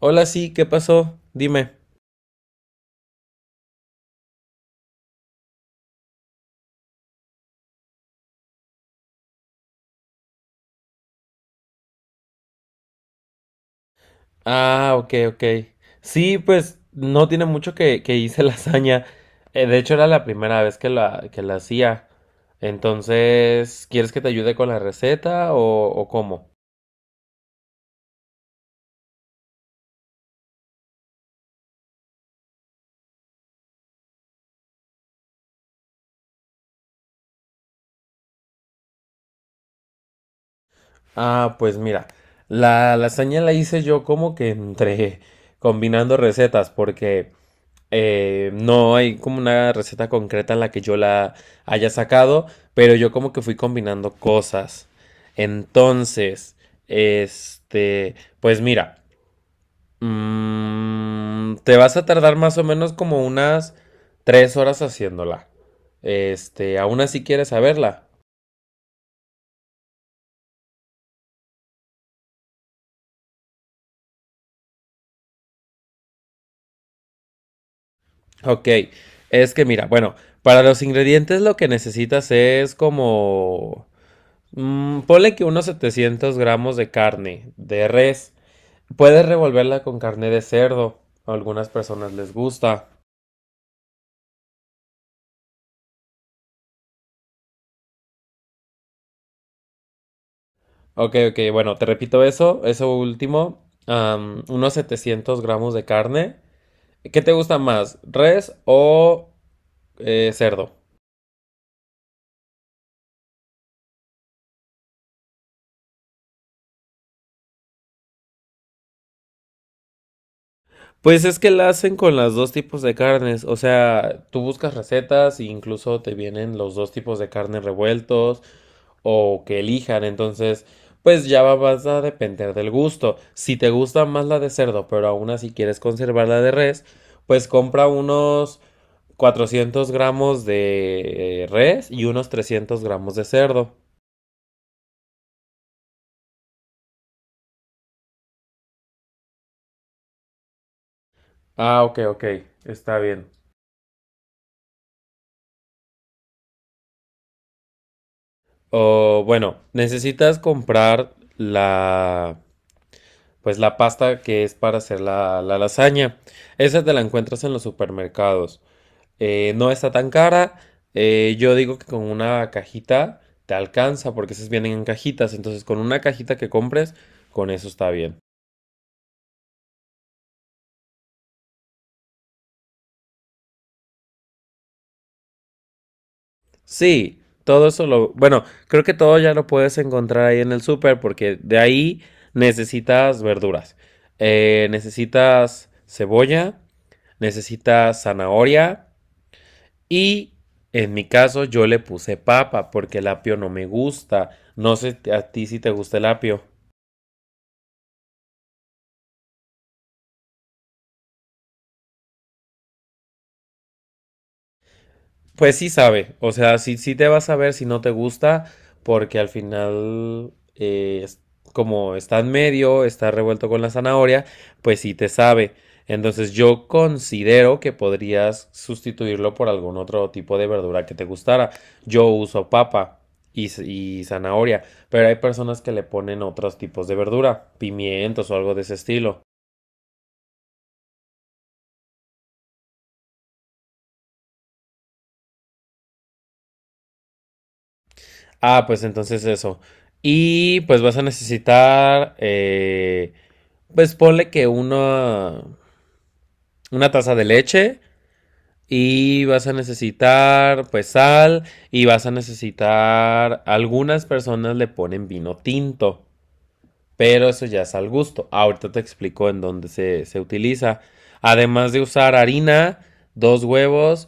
Hola, sí, ¿qué pasó? Dime. Ah, ok, ok. Sí, pues no tiene mucho que hice lasaña. De hecho, era la primera vez que la hacía. Entonces, ¿quieres que te ayude con la receta o cómo? Ah, pues mira, la lasaña la hice yo como que entre combinando recetas, porque no hay como una receta concreta en la que yo la haya sacado, pero yo como que fui combinando cosas. Entonces, este, pues mira, te vas a tardar más o menos como unas 3 horas haciéndola. Aún así quieres saberla. Ok, es que mira, bueno, para los ingredientes lo que necesitas es como ponle que unos 700 gramos de carne de res. Puedes revolverla con carne de cerdo. A algunas personas les gusta. Ok, ok, bueno, te repito eso último. Unos 700 gramos de carne. ¿Qué te gusta más, res o cerdo? Pues es que la hacen con los dos tipos de carnes, o sea, tú buscas recetas e incluso te vienen los dos tipos de carne revueltos o que elijan, entonces pues ya vas a depender del gusto. Si te gusta más la de cerdo, pero aún así quieres conservar la de res, pues compra unos 400 gramos de res y unos 300 gramos de cerdo. Ah, ok, ok, está bien. O bueno, necesitas comprar la, pues la pasta que es para hacer la lasaña. Esa te la encuentras en los supermercados. No está tan cara. Yo digo que con una cajita te alcanza porque esas vienen en cajitas. Entonces con una cajita que compres, con eso está bien. Sí, Bueno, creo que todo ya lo puedes encontrar ahí en el super, porque de ahí necesitas verduras. Necesitas cebolla. Necesita zanahoria, y en mi caso yo le puse papa porque el apio no me gusta. No sé a ti si te gusta el apio. Pues sí sabe, o sea, sí, sí te vas a ver si no te gusta, porque al final, como está en medio, está revuelto con la zanahoria, pues sí te sabe. Entonces yo considero que podrías sustituirlo por algún otro tipo de verdura que te gustara. Yo uso papa y, y zanahoria, pero hay personas que le ponen otros tipos de verdura, pimientos o algo de ese estilo. Ah, pues entonces eso. Y pues vas a necesitar, pues ponle que una taza de leche, y vas a necesitar pues sal, y vas a necesitar, algunas personas le ponen vino tinto, pero eso ya es al gusto. Ahorita te explico en dónde se utiliza. Además de usar harina, dos huevos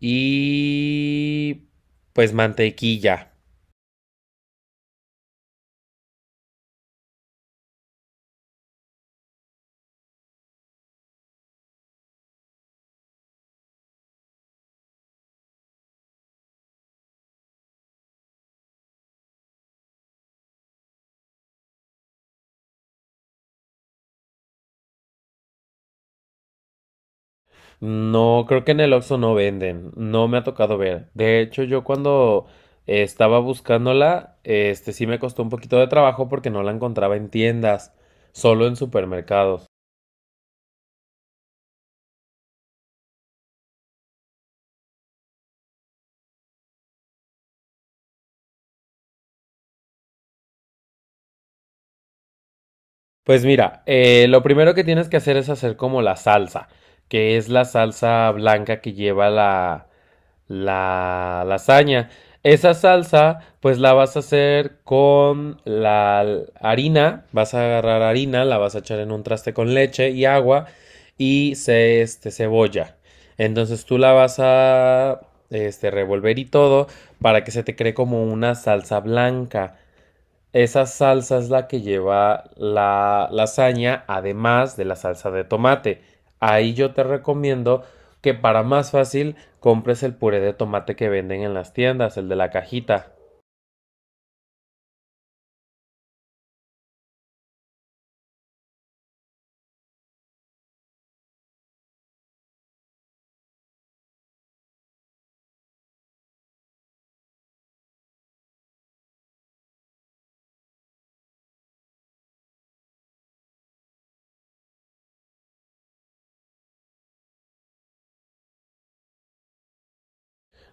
y pues mantequilla. No, creo que en el Oxxo no venden, no me ha tocado ver. De hecho, yo cuando estaba buscándola, sí me costó un poquito de trabajo porque no la encontraba en tiendas, solo en supermercados. Pues mira, lo primero que tienes que hacer es hacer como la salsa, que es la salsa blanca que lleva la lasaña. Esa salsa, pues la vas a hacer con la harina, vas a agarrar harina, la vas a echar en un traste con leche y agua y cebolla. Entonces tú la vas a revolver y todo para que se te cree como una salsa blanca. Esa salsa es la que lleva la lasaña, además de la salsa de tomate. Ahí yo te recomiendo que para más fácil compres el puré de tomate que venden en las tiendas, el de la cajita.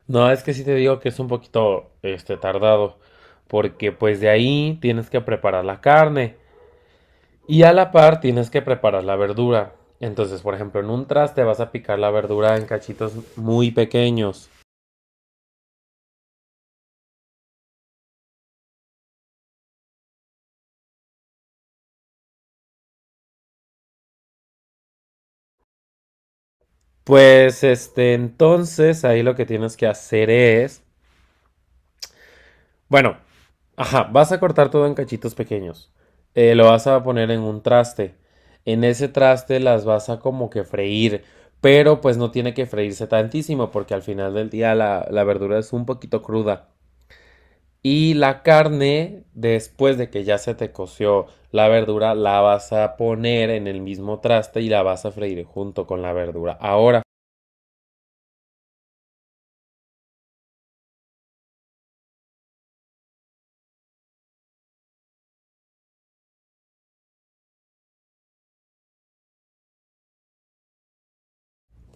No, es que sí te digo que es un poquito tardado, porque pues de ahí tienes que preparar la carne y a la par tienes que preparar la verdura. Entonces, por ejemplo, en un traste vas a picar la verdura en cachitos muy pequeños. Pues entonces ahí lo que tienes que hacer es, bueno, ajá, vas a cortar todo en cachitos pequeños. Lo vas a poner en un traste. En ese traste las vas a como que freír, pero pues no tiene que freírse tantísimo porque al final del día la verdura es un poquito cruda. Y la carne, después de que ya se te coció la verdura, la vas a poner en el mismo traste y la vas a freír junto con la verdura. Ahora,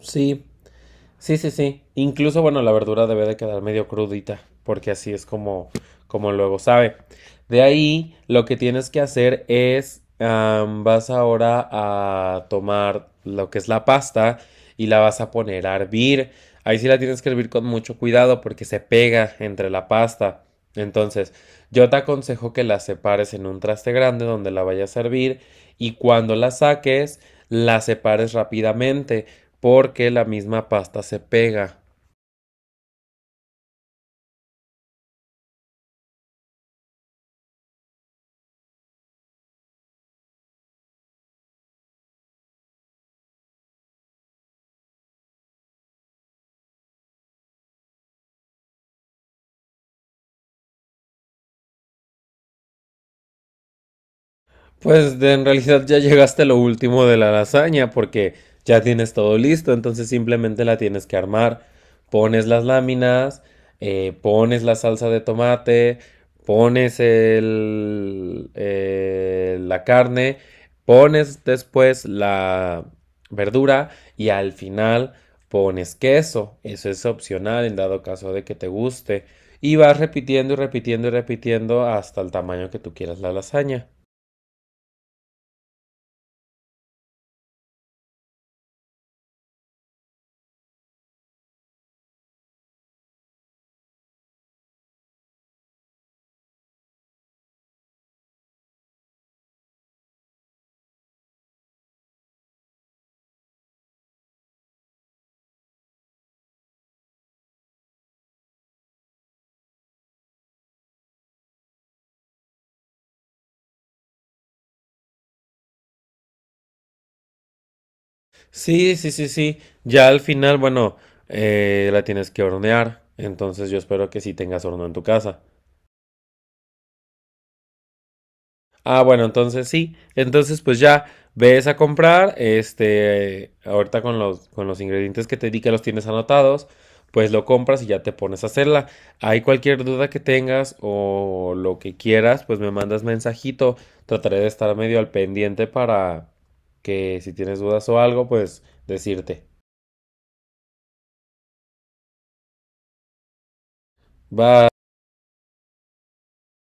sí, sí, sí, sí. Incluso, bueno, la verdura debe de quedar medio crudita, porque así es como luego sabe. De ahí, lo que tienes que hacer es, vas ahora a tomar lo que es la pasta y la vas a poner a hervir. Ahí sí la tienes que hervir con mucho cuidado porque se pega entre la pasta. Entonces, yo te aconsejo que la separes en un traste grande donde la vayas a hervir, y cuando la saques, la separes rápidamente porque la misma pasta se pega. Pues en realidad ya llegaste a lo último de la lasaña porque ya tienes todo listo, entonces simplemente la tienes que armar. Pones las láminas, pones la salsa de tomate, pones la carne, pones después la verdura y al final pones queso. Eso es opcional en dado caso de que te guste. Y vas repitiendo y repitiendo y repitiendo hasta el tamaño que tú quieras la lasaña. Sí, sí, sí, sí. Ya al final, bueno, la tienes que hornear. Entonces yo espero que sí tengas horno en tu casa. Ah, bueno, entonces sí. Entonces pues ya ves a comprar. Ahorita con con los ingredientes que te di que los tienes anotados, pues lo compras y ya te pones a hacerla. Hay cualquier duda que tengas o lo que quieras, pues me mandas mensajito. Trataré de estar medio al pendiente para que si tienes dudas o algo, pues decirte. Bye.